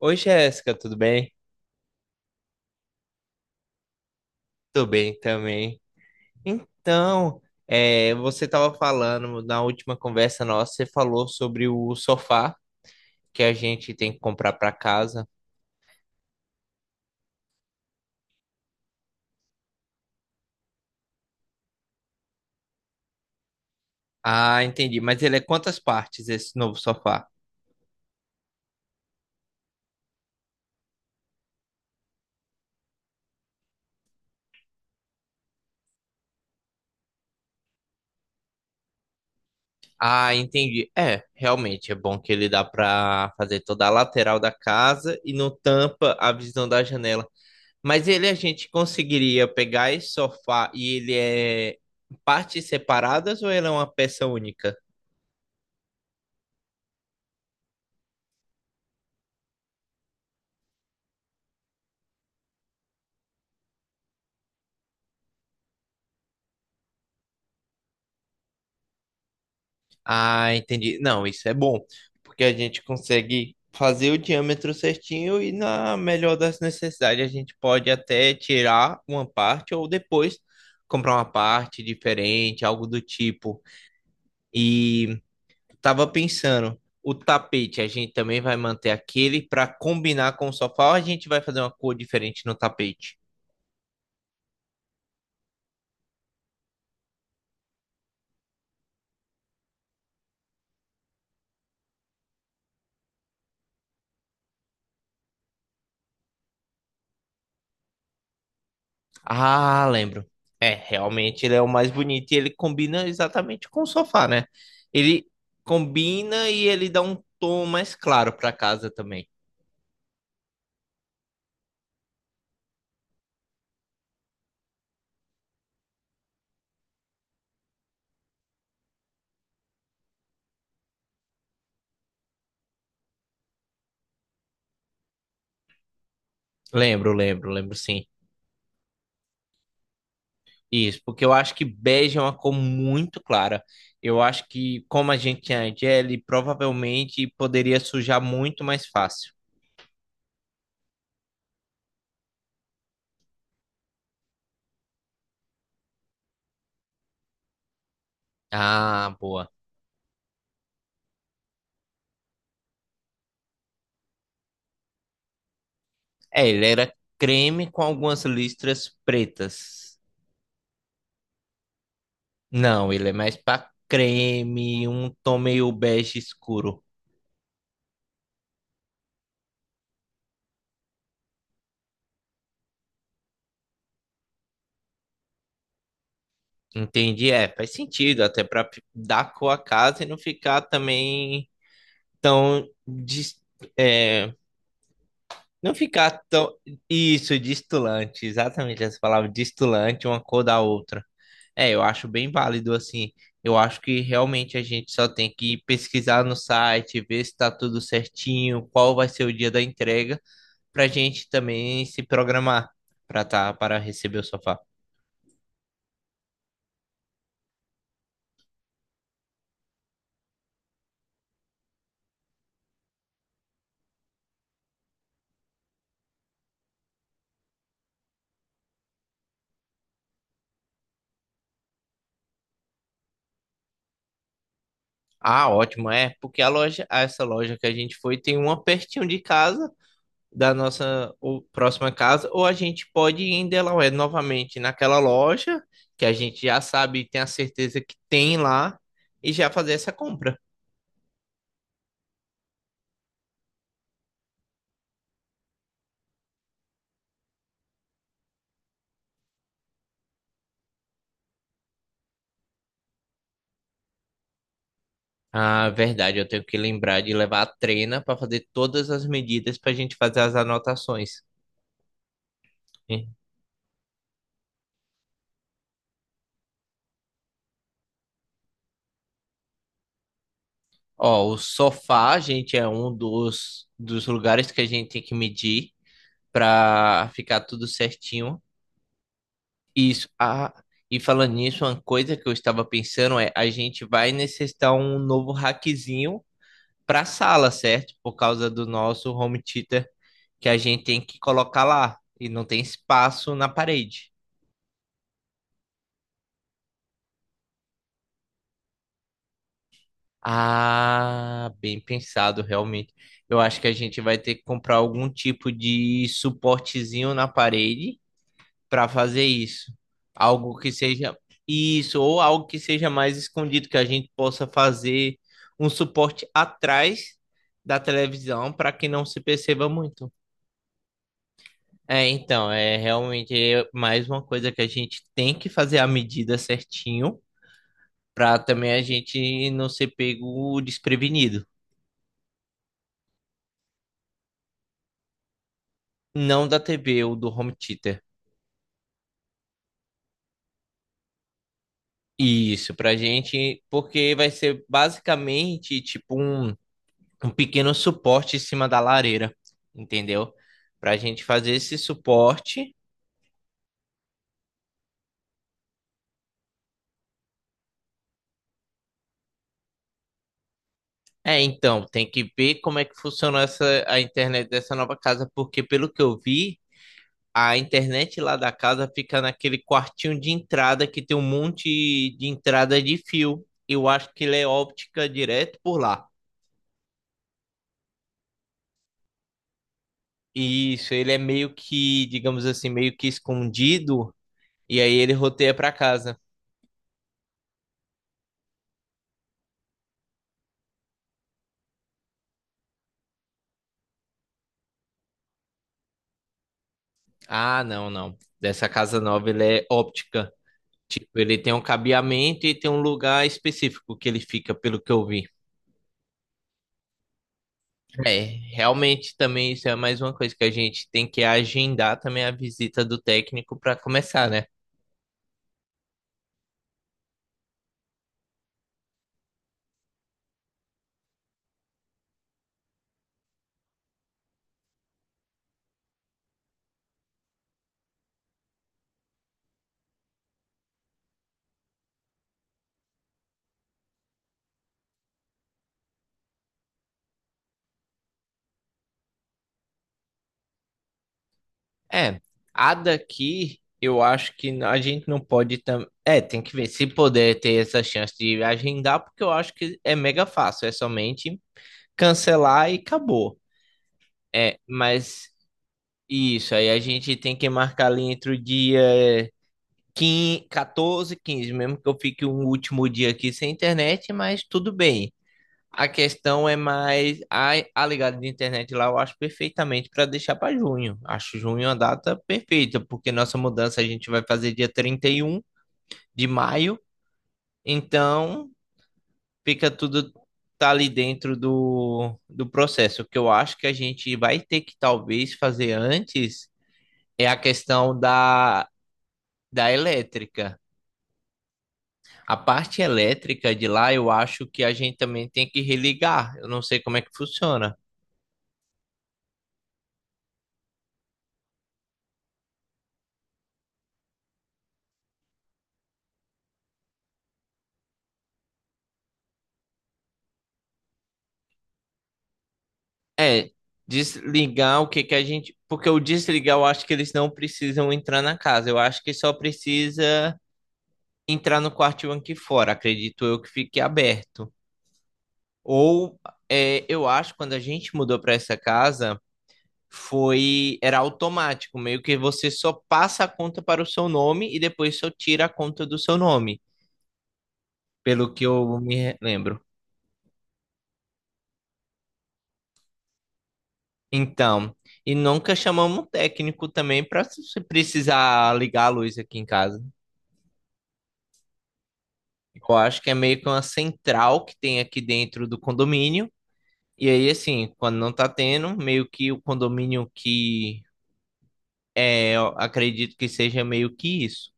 Oi, Jéssica, tudo bem? Tudo bem também. Então, você estava falando na última conversa nossa, você falou sobre o sofá que a gente tem que comprar para casa. Ah, entendi. Mas ele é quantas partes esse novo sofá? Ah, entendi. É, realmente é bom que ele dá para fazer toda a lateral da casa e não tampa a visão da janela. Mas ele a gente conseguiria pegar esse sofá e ele é partes separadas ou ele é uma peça única? Ah, entendi. Não, isso é bom, porque a gente consegue fazer o diâmetro certinho e, na melhor das necessidades, a gente pode até tirar uma parte ou depois comprar uma parte diferente, algo do tipo. E tava pensando, o tapete a gente também vai manter aquele para combinar com o sofá ou a gente vai fazer uma cor diferente no tapete? Ah, lembro. É, realmente ele é o mais bonito e ele combina exatamente com o sofá, né? Ele combina e ele dá um tom mais claro pra casa também. Lembro, lembro, lembro sim. Isso, porque eu acho que bege é uma cor muito clara. Eu acho que, como a gente tinha a Jelly, provavelmente poderia sujar muito mais fácil. Ah, boa. É, ele era creme com algumas listras pretas. Não, ele é mais pra creme, um tom meio bege escuro. Entendi, é, faz sentido, até dar cor à casa e não ficar também tão, dis- é, não ficar tão, isso, distulante, exatamente essa palavra, distulante, uma cor da outra. É, eu acho bem válido, assim, eu acho que realmente a gente só tem que pesquisar no site, ver se tá tudo certinho, qual vai ser o dia da entrega, pra gente também se programar para receber o sofá. Ah, ótimo, é, porque a loja, essa loja que a gente foi tem uma pertinho de casa, da nossa ou próxima casa, ou a gente pode ir em Delaware novamente naquela loja que a gente já sabe e tem a certeza que tem lá e já fazer essa compra. Ah, verdade, eu tenho que lembrar de levar a trena para fazer todas as medidas para a gente fazer as anotações. Ó, o sofá, gente, é um dos lugares que a gente tem que medir para ficar tudo certinho. Isso. Ah, e falando nisso, uma coisa que eu estava pensando é a gente vai necessitar um novo rackzinho para sala, certo? Por causa do nosso home theater que a gente tem que colocar lá e não tem espaço na parede. Ah, bem pensado, realmente. Eu acho que a gente vai ter que comprar algum tipo de suportezinho na parede para fazer isso. Algo que seja isso, ou algo que seja mais escondido, que a gente possa fazer um suporte atrás da televisão para que não se perceba muito. É, então, é realmente é mais uma coisa que a gente tem que fazer a medida certinho para também a gente não ser pego desprevenido. Não da TV ou do home theater. Isso, pra gente, porque vai ser basicamente tipo um pequeno suporte em cima da lareira, entendeu? Para a gente fazer esse suporte. É, então, tem que ver como é que funciona a internet dessa nova casa, porque pelo que eu vi, a internet lá da casa fica naquele quartinho de entrada que tem um monte de entrada de fio. Eu acho que ele é óptica direto por lá. Isso, ele é meio que, digamos assim, meio que escondido, e aí ele roteia para casa. Ah, não, não. Dessa casa nova ele é óptica. Tipo, ele tem um cabeamento e tem um lugar específico que ele fica, pelo que eu vi. É, realmente também isso é mais uma coisa que a gente tem que agendar também a visita do técnico para começar, né? É, a daqui eu acho que a gente não pode também. É, tem que ver se poder ter essa chance de agendar, porque eu acho que é mega fácil, é somente cancelar e acabou. É, mas isso aí a gente tem que marcar ali entre o dia 15, 14, 15, mesmo que eu fique um último dia aqui sem internet, mas tudo bem. A questão é mais a ligada de internet lá, eu acho perfeitamente para deixar para junho. Acho junho a data perfeita, porque nossa mudança a gente vai fazer dia 31 de maio, então fica tudo tá ali dentro do, do processo. O que eu acho que a gente vai ter que talvez fazer antes é a questão da elétrica. A parte elétrica de lá, eu acho que a gente também tem que religar. Eu não sei como é que funciona. É, desligar o que que a gente. Porque o desligar, eu acho que eles não precisam entrar na casa. Eu acho que só precisa entrar no quartinho aqui fora. Acredito eu que fique aberto. Ou, é, eu acho, que quando a gente mudou para essa casa, foi. Era automático, meio que você só passa a conta para o seu nome e depois só tira a conta do seu nome, pelo que eu me lembro. Então, e nunca chamamos um técnico também para se precisar ligar a luz aqui em casa. Eu acho que é meio que uma central que tem aqui dentro do condomínio. E aí, assim, quando não tá tendo, meio que o condomínio que é, eu acredito que seja meio que isso.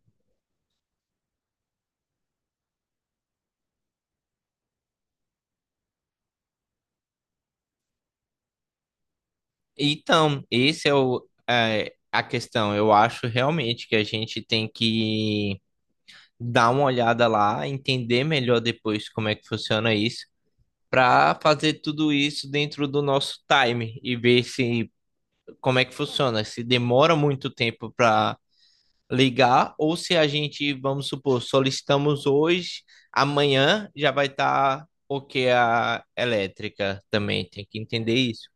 Então, esse é o, é, a questão. Eu acho realmente que a gente tem que dar uma olhada lá, entender melhor depois como é que funciona isso, para fazer tudo isso dentro do nosso time e ver se como é que funciona, se demora muito tempo para ligar ou se a gente, vamos supor, solicitamos hoje, amanhã já vai estar ok a elétrica também, tem que entender isso.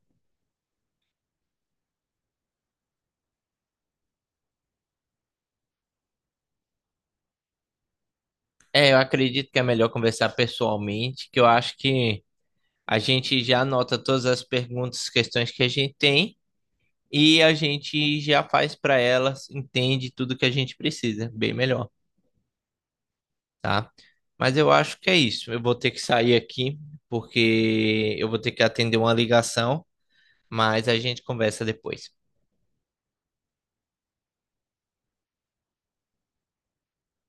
É, eu acredito que é melhor conversar pessoalmente, que eu acho que a gente já anota todas as perguntas, questões que a gente tem e a gente já faz para elas, entende tudo que a gente precisa, bem melhor. Tá? Mas eu acho que é isso. Eu vou ter que sair aqui porque eu vou ter que atender uma ligação, mas a gente conversa depois.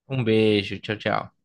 Um beijo, tchau, tchau.